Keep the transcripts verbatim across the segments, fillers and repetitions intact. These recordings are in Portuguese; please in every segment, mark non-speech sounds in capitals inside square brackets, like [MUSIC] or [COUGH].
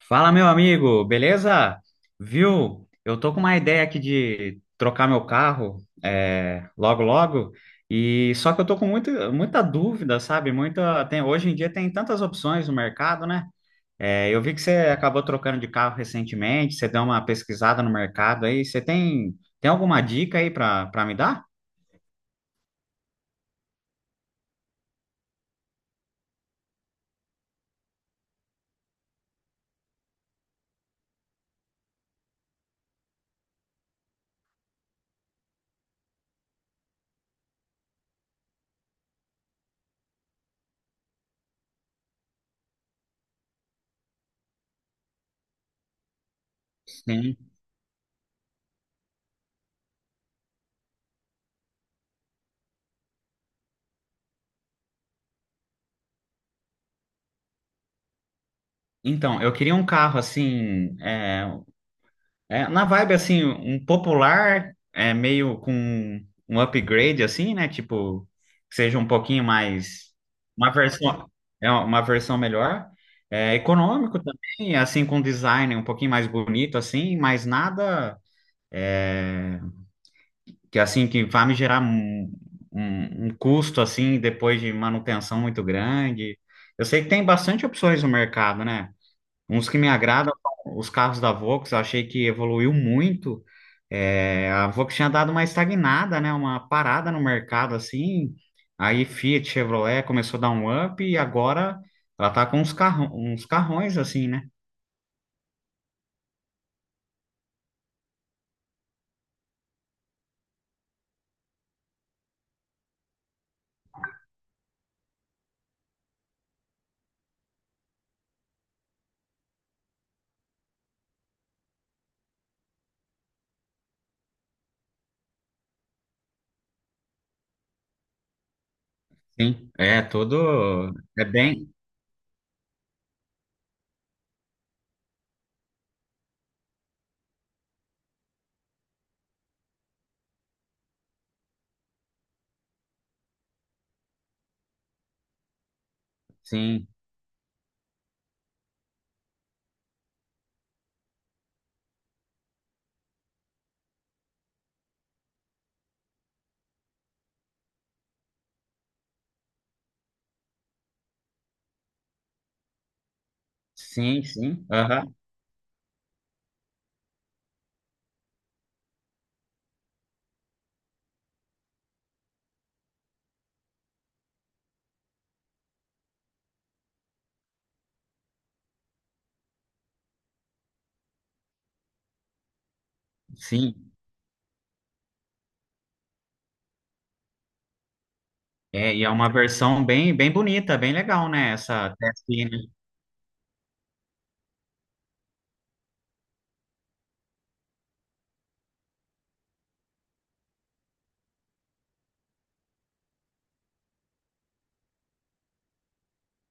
Fala, meu amigo, beleza? Viu? Eu tô com uma ideia aqui de trocar meu carro, é, logo, logo. E só que eu tô com muita, muita dúvida, sabe? Muita, tem, hoje em dia tem tantas opções no mercado, né? É, eu vi que você acabou trocando de carro recentemente, você deu uma pesquisada no mercado aí. Você tem, tem alguma dica aí para para me dar? Sim. Então, eu queria um carro assim, é, É, na vibe, assim, um popular, é meio com um upgrade, assim, né? Tipo, que seja um pouquinho mais. Uma versão, é uma versão melhor. É, econômico também, assim, com design um pouquinho mais bonito, assim, mas nada, é, que, assim, que vá me gerar um, um, um custo, assim, depois de manutenção muito grande. Eu sei que tem bastante opções no mercado, né? Uns que me agradam são os carros da Volks, eu achei que evoluiu muito. É, a Volks tinha dado uma estagnada, né? Uma parada no mercado assim. Aí Fiat, Chevrolet começou a dar um up e agora ela tá com uns carrão, uns carrões assim, né? Sim, é todo é bem. Sim, sim, sim, aham, sim. É, e é uma versão bem, bem bonita, bem legal, né? Essa T S I, né?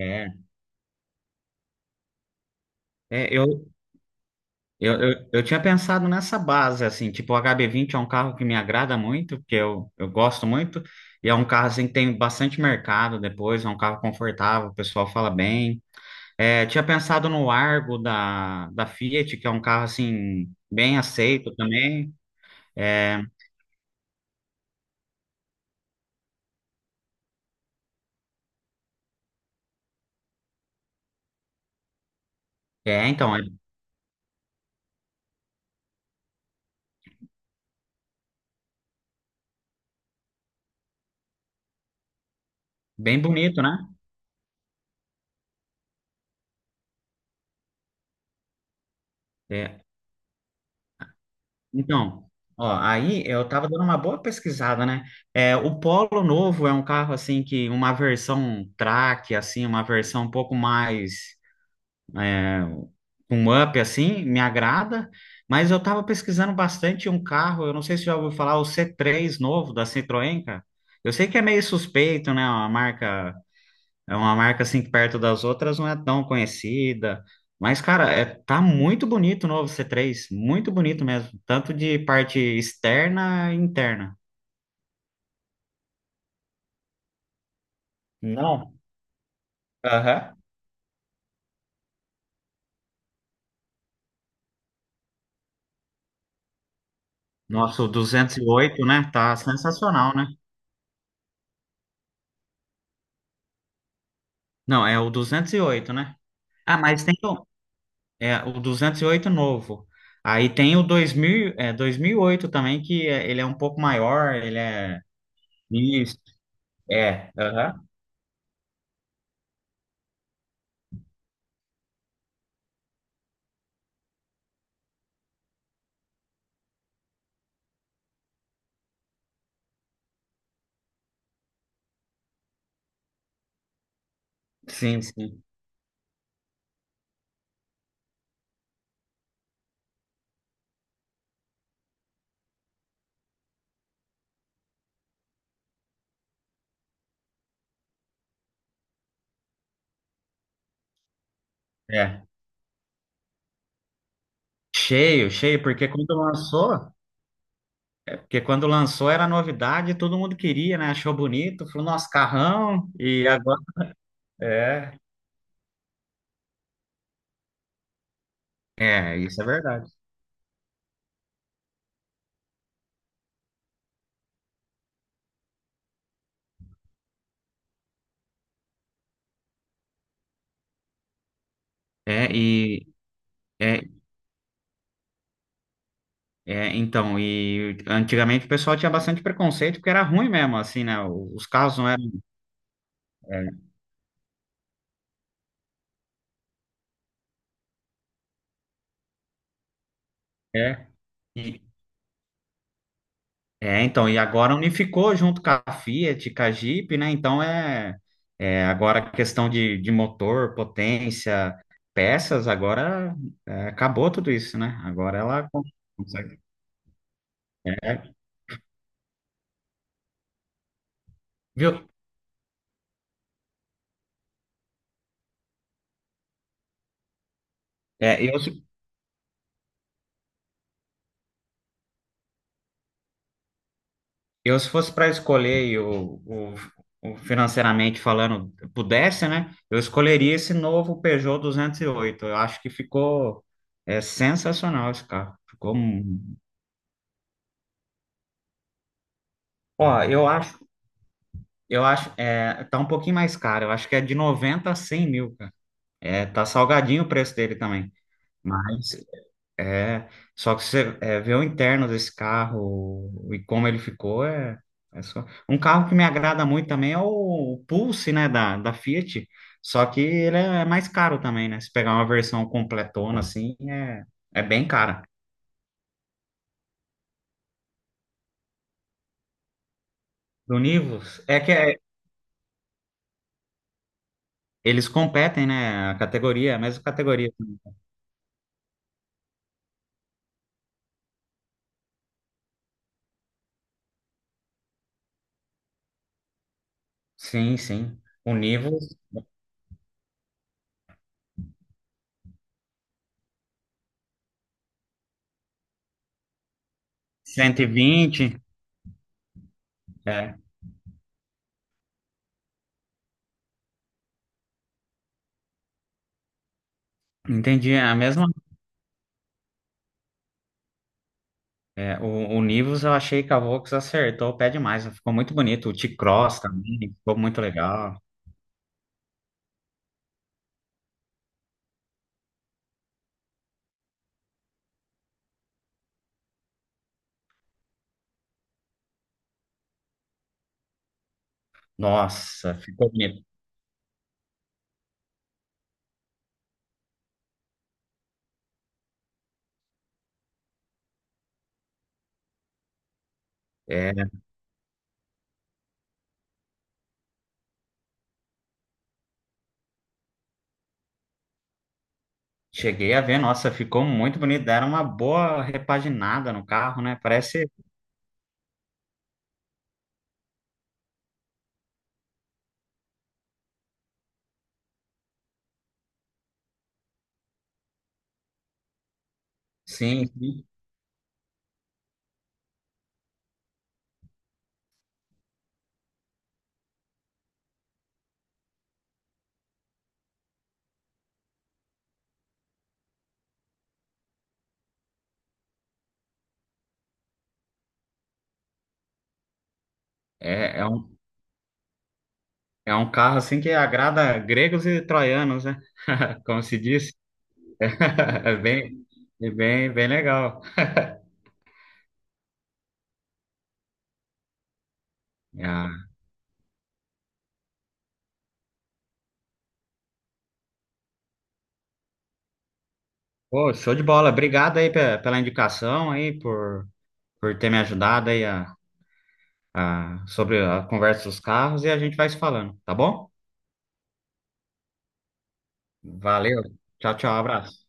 É, é, eu, Eu, eu, eu tinha pensado nessa base, assim, tipo, o H B vinte é um carro que me agrada muito, porque eu, eu gosto muito, e é um carro, assim, que tem bastante mercado depois, é um carro confortável, o pessoal fala bem. É, tinha pensado no Argo da, da, Fiat, que é um carro, assim, bem aceito também. É, é, então, é bem bonito, né? É, Então, ó, aí eu tava dando uma boa pesquisada, né? É, o Polo Novo é um carro assim que uma versão track, assim, uma versão um pouco mais, é, um up assim, me agrada. Mas eu tava pesquisando bastante um carro, eu não sei se já ouviu falar, o c três novo da Citroën, cara. Eu sei que é meio suspeito, né? Uma marca é uma marca assim que perto das outras não é tão conhecida. Mas, cara, é, tá muito bonito o novo c três. Muito bonito mesmo. Tanto de parte externa e interna. Não. Aham. Nossa, o duzentos e oito, né? Tá sensacional, né? Não, é o duzentos e oito, né? Ah, mas tem o- é, o duzentos e oito novo. Aí tem o dois mil é, dois mil e oito também, que é- ele é um pouco maior, ele é. Isso, é, aham. Sim, sim, é. Cheio, cheio, porque quando lançou, porque quando lançou era novidade, todo mundo queria, né? Achou bonito, falou, nossa, carrão, e agora. É, é, isso é verdade. É, e. É, é, então, e antigamente o pessoal tinha bastante preconceito porque era ruim mesmo, assim, né? Os carros não eram. É. É, então, e agora unificou junto com a Fiat, com a Jeep, né? Então é, é agora a questão de, de, motor, potência, peças, agora, é, acabou tudo isso, né? Agora ela con- consegue. É, Viu? É, eu, se- eu se fosse para escolher e o, o, o financeiramente falando, pudesse, né? Eu escolheria esse novo Peugeot duzentos e oito. Eu acho que ficou, é, sensacional esse carro. Ficou. um- Ó, eu acho Eu acho, é, tá um pouquinho mais caro. Eu acho que é de noventa a cem mil, cara. É, tá salgadinho o preço dele também. Mas, é, só que você, é, vê o interno desse carro e como ele ficou, é, é só. Um carro que me agrada muito também é o Pulse, né, da, da Fiat. Só que ele é mais caro também, né? Se pegar uma versão completona, assim, é, é bem cara. Do Nivus, é que é, eles competem, né? A categoria, a mesma categoria. Sim, sim. O nível cento e vinte, é, entendi. É A mesma, é, o, o Nivus eu achei que a Vox acertou o pé demais. Ficou muito bonito. O T-Cross também ficou muito legal. Nossa, ficou bonito. É, cheguei a ver, nossa, ficou muito bonito. Deram uma boa repaginada no carro, né? Parece, sim, sim. É, é um, é um carro assim que agrada gregos e troianos, né? Como se diz. [LAUGHS] É bem, é bem, bem legal. Ah, pô, show de bola. Obrigado aí pe- pela indicação aí, por por ter me ajudado aí a, a- sobre a conversa dos carros e a gente vai se falando, tá bom? Valeu. Tchau, tchau, abraço.